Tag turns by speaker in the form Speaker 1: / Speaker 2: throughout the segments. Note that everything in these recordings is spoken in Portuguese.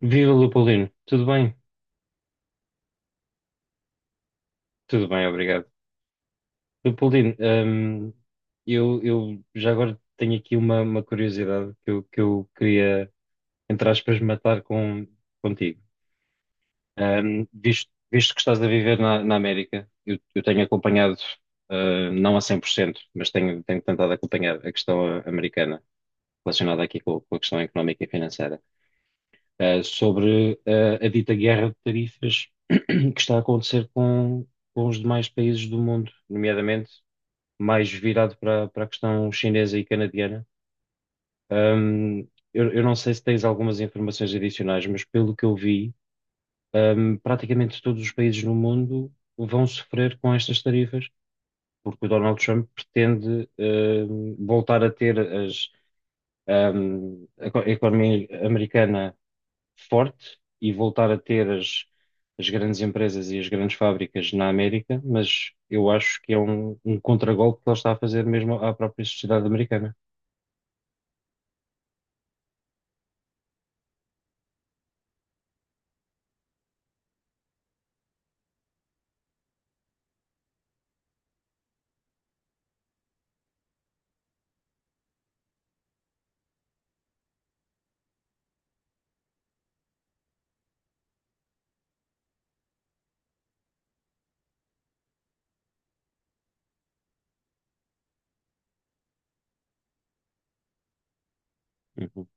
Speaker 1: Viva Leopoldino, tudo bem? Tudo bem, obrigado. Leopoldino, eu já agora tenho aqui uma curiosidade que que eu queria, entre aspas, matar contigo. Visto visto que estás a viver na América, eu tenho acompanhado, não a 100%, mas tenho tentado acompanhar a questão americana relacionada aqui com a questão económica e financeira. Sobre a dita guerra de tarifas que está a acontecer com os demais países do mundo, nomeadamente mais virado para a questão chinesa e canadiana. Ahm, eu não sei se tens algumas informações adicionais, mas pelo que eu vi, praticamente todos os países no mundo vão sofrer com estas tarifas, porque o Donald Trump pretende voltar a ter a economia americana forte e voltar a ter as grandes empresas e as grandes fábricas na América, mas eu acho que é um contragolpe que ele está a fazer mesmo à própria sociedade americana. Uhum.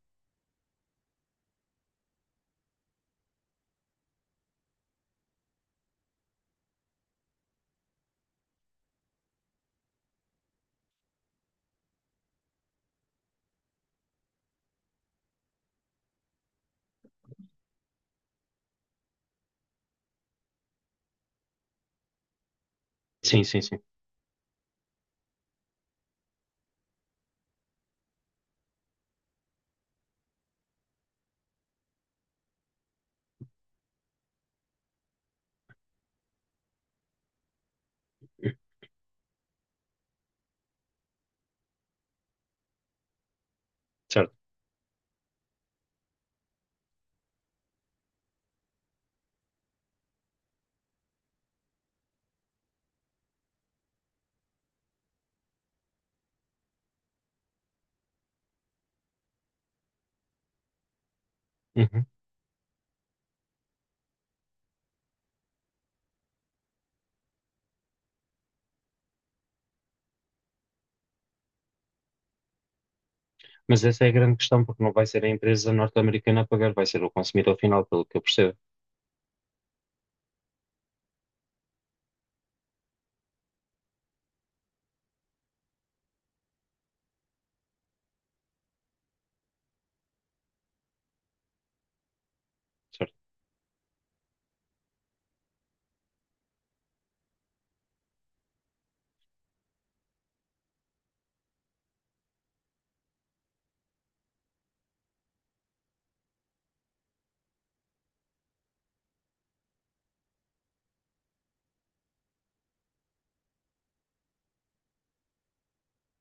Speaker 1: Sim, sim, sim. Certo. Uhum. Mas essa é a grande questão, porque não vai ser a empresa norte-americana a pagar, vai ser o consumidor final, pelo que eu percebo. Certo.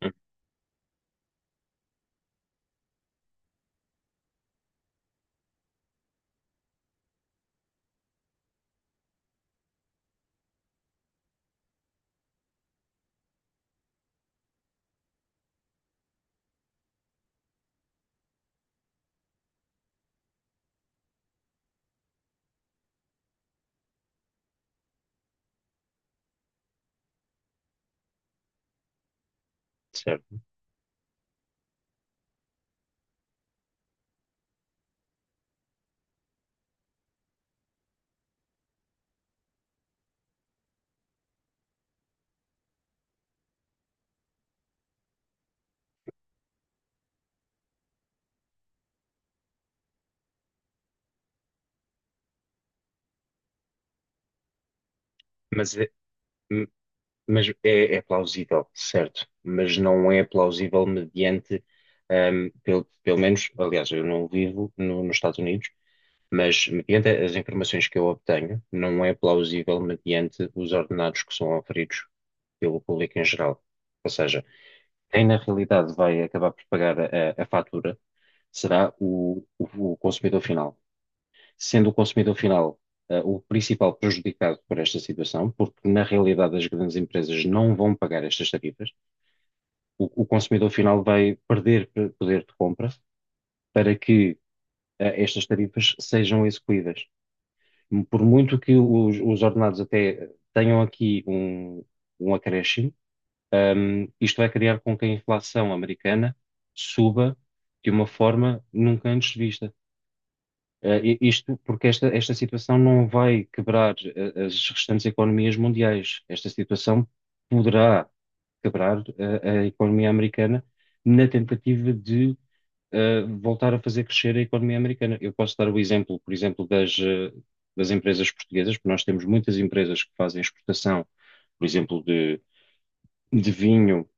Speaker 1: Uhum. Certo. Mas, é, m- mas é plausível, certo. Mas não é plausível mediante, pelo menos, aliás, eu não vivo nos Estados Unidos. Mas, mediante as informações que eu obtenho, não é plausível mediante os ordenados que são oferidos pelo público em geral. Ou seja, quem na realidade vai acabar por pagar a fatura será o consumidor final. Sendo o consumidor final, o principal prejudicado por esta situação, porque na realidade as grandes empresas não vão pagar estas tarifas, o consumidor final vai perder poder de compra para que, estas tarifas sejam execuídas. Por muito que os ordenados até tenham aqui um acréscimo, isto vai criar com que a inflação americana suba de uma forma nunca antes vista. Isto porque esta situação não vai quebrar as restantes economias mundiais. Esta situação poderá quebrar a economia americana na tentativa de voltar a fazer crescer a economia americana. Eu posso dar o exemplo, por exemplo, das das empresas portuguesas, porque nós temos muitas empresas que fazem exportação, por exemplo, de vinho,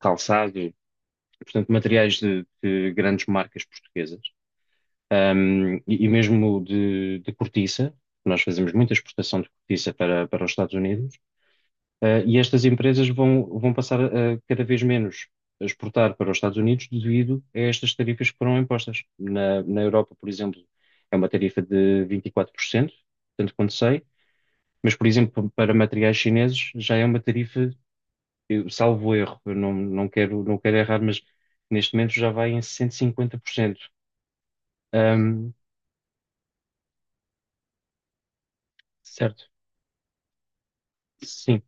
Speaker 1: calçado, portanto, materiais de grandes marcas portuguesas, e mesmo de cortiça. Nós fazemos muita exportação de cortiça para os Estados Unidos. E estas empresas vão passar a cada vez menos a exportar para os Estados Unidos devido a estas tarifas que foram impostas. Na Europa, por exemplo, é uma tarifa de 24%, tanto quanto sei, mas, por exemplo, para materiais chineses já é uma tarifa, eu, salvo erro, eu não, não quero, não quero errar, mas neste momento já vai em 150%. Um, certo, sim.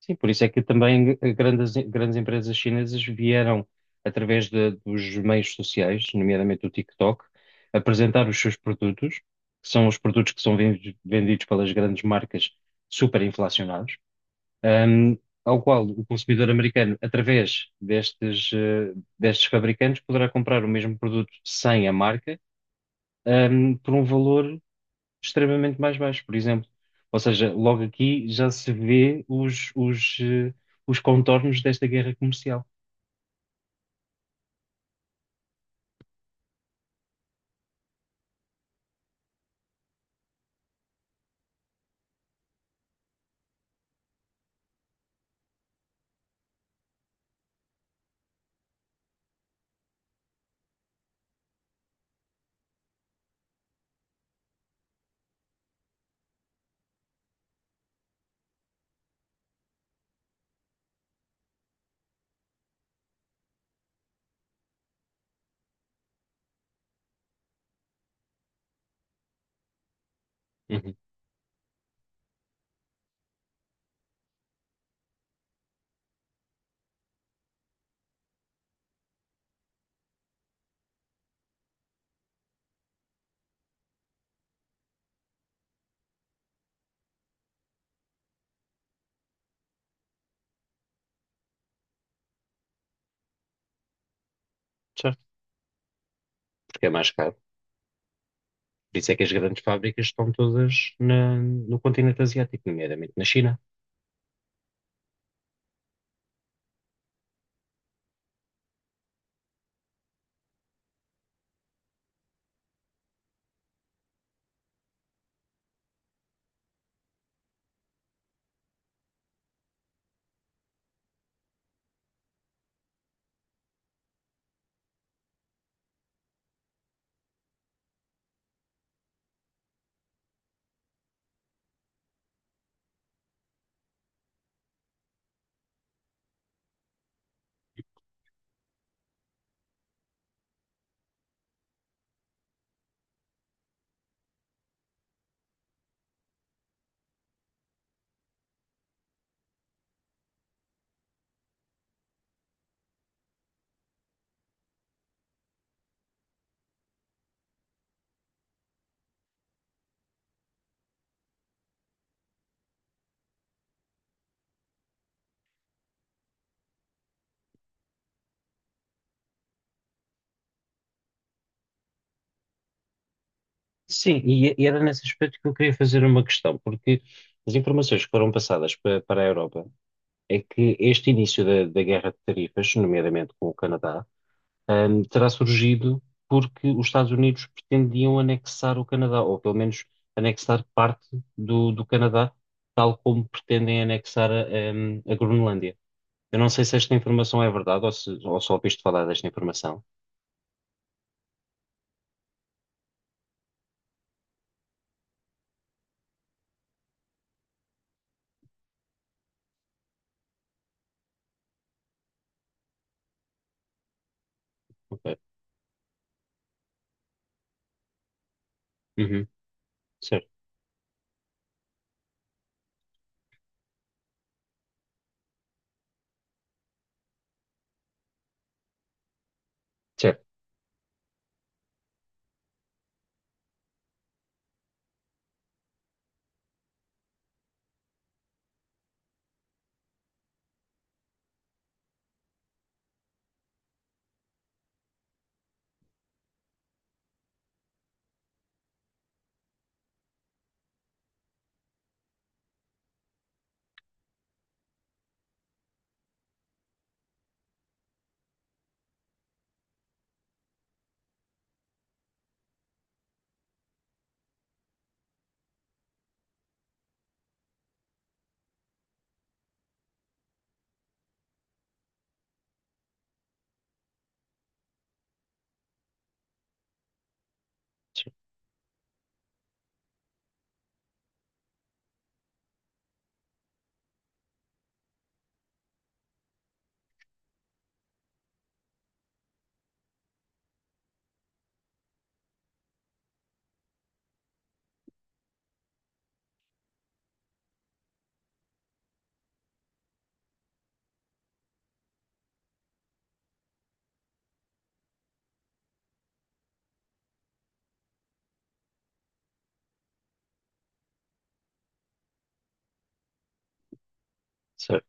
Speaker 1: Sim, por isso é que também grandes empresas chinesas vieram, através dos meios sociais, nomeadamente o TikTok, apresentar os seus produtos, que são os produtos que são vendidos pelas grandes marcas superinflacionados, ahm, ao qual o consumidor americano, através destes fabricantes, poderá comprar o mesmo produto sem a marca, por um valor extremamente mais baixo, por exemplo. Ou seja, logo aqui já se vê os contornos desta guerra comercial. Uhum. Certo, porque é mais caro. Por isso é que as grandes fábricas estão todas no continente asiático, nomeadamente na China. Sim, e era nesse aspecto que eu queria fazer uma questão, porque as informações que foram passadas para a Europa é que este início da guerra de tarifas, nomeadamente com o Canadá, terá surgido porque os Estados Unidos pretendiam anexar o Canadá, ou pelo menos anexar parte do Canadá, tal como pretendem anexar a Groenlândia. Eu não sei se esta informação é verdade ou, se, ou só ouviste falar desta informação. Ok. Uhum. Certo, certo, certo, certo,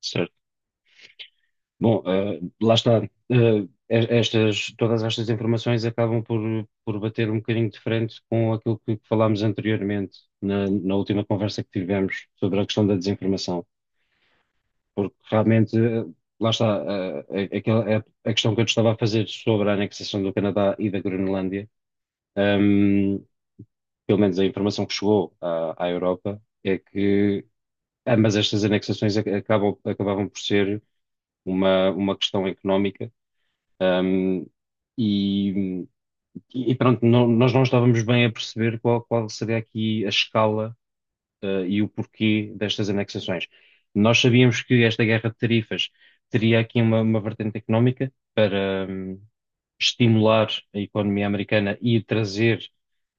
Speaker 1: certo. Bom, lá está. Todas estas informações acabam por bater um bocadinho de frente com aquilo que falámos anteriormente, na última conversa que tivemos sobre a questão da desinformação. Porque realmente, lá está, a questão que eu te estava a fazer sobre a anexação do Canadá e da Groenlândia, ehm, pelo menos a informação que chegou à Europa, é que ambas estas anexações acabavam por ser uma questão económica. Um, e, e pronto, nós não estávamos bem a perceber qual seria aqui a escala, e o porquê destas anexações. Nós sabíamos que esta guerra de tarifas teria aqui uma vertente económica para, estimular a economia americana e trazer,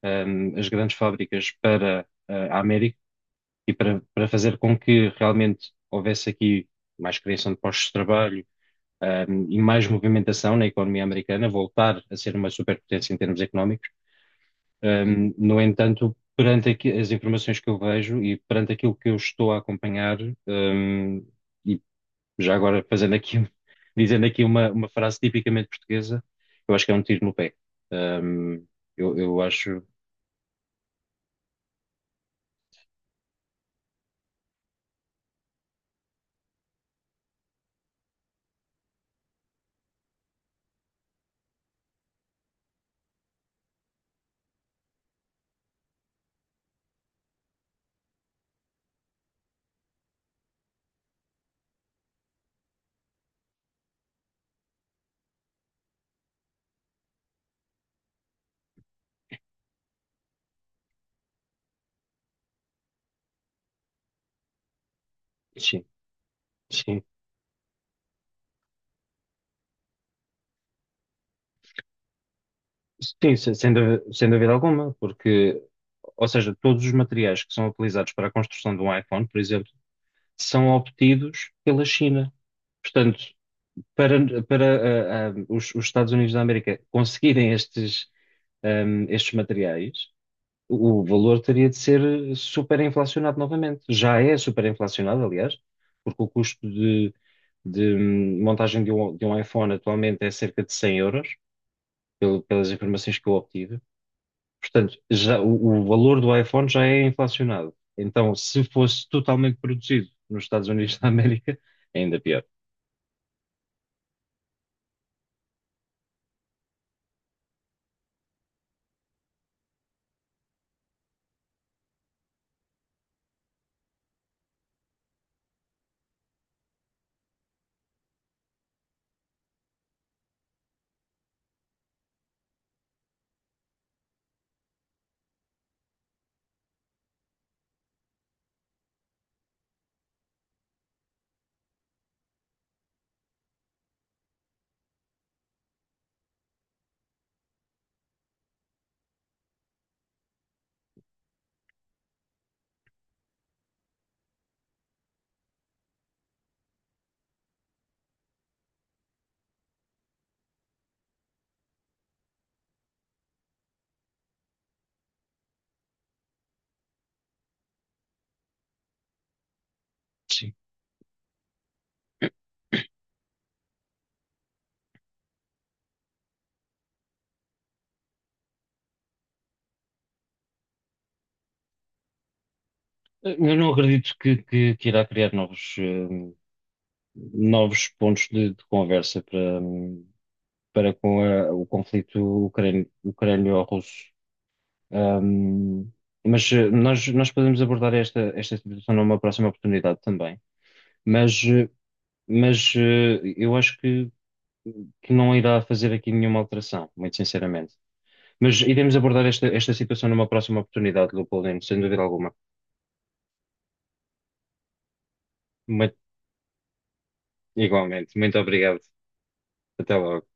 Speaker 1: as grandes fábricas para, a América e para, para fazer com que realmente houvesse aqui mais criação de postos de trabalho, e mais movimentação na economia americana, voltar a ser uma superpotência em termos económicos. No entanto, perante as informações que eu vejo e perante aquilo que eu estou a acompanhar, um, e já agora fazendo aqui, dizendo aqui uma frase tipicamente portuguesa, eu acho que é um tiro no pé. Um, eu acho, sim, sim, sim, sem dúvida, sem dúvida alguma, porque, ou seja, todos os materiais que são utilizados para a construção de um iPhone, por exemplo, são obtidos pela China. Portanto, para os Estados Unidos da América conseguirem estes, estes materiais, o valor teria de ser superinflacionado novamente. Já é superinflacionado, aliás, porque o custo de montagem de um iPhone atualmente é cerca de 100 euros, pelas informações que eu obtive. Portanto, já, o valor do iPhone já é inflacionado. Então, se fosse totalmente produzido nos Estados Unidos da América, é ainda pior. Sim. Eu não acredito que irá criar novos, novos pontos de conversa para, para com o conflito ucrânio-russo. Hum, mas nós podemos abordar esta situação numa próxima oportunidade também. Mas, eh, mas eu acho que não irá fazer aqui nenhuma alteração, muito sinceramente. Mas iremos abordar esta situação numa próxima oportunidade, Leopoldino, sem dúvida alguma. Muito- Igualmente. Muito obrigado. Até logo.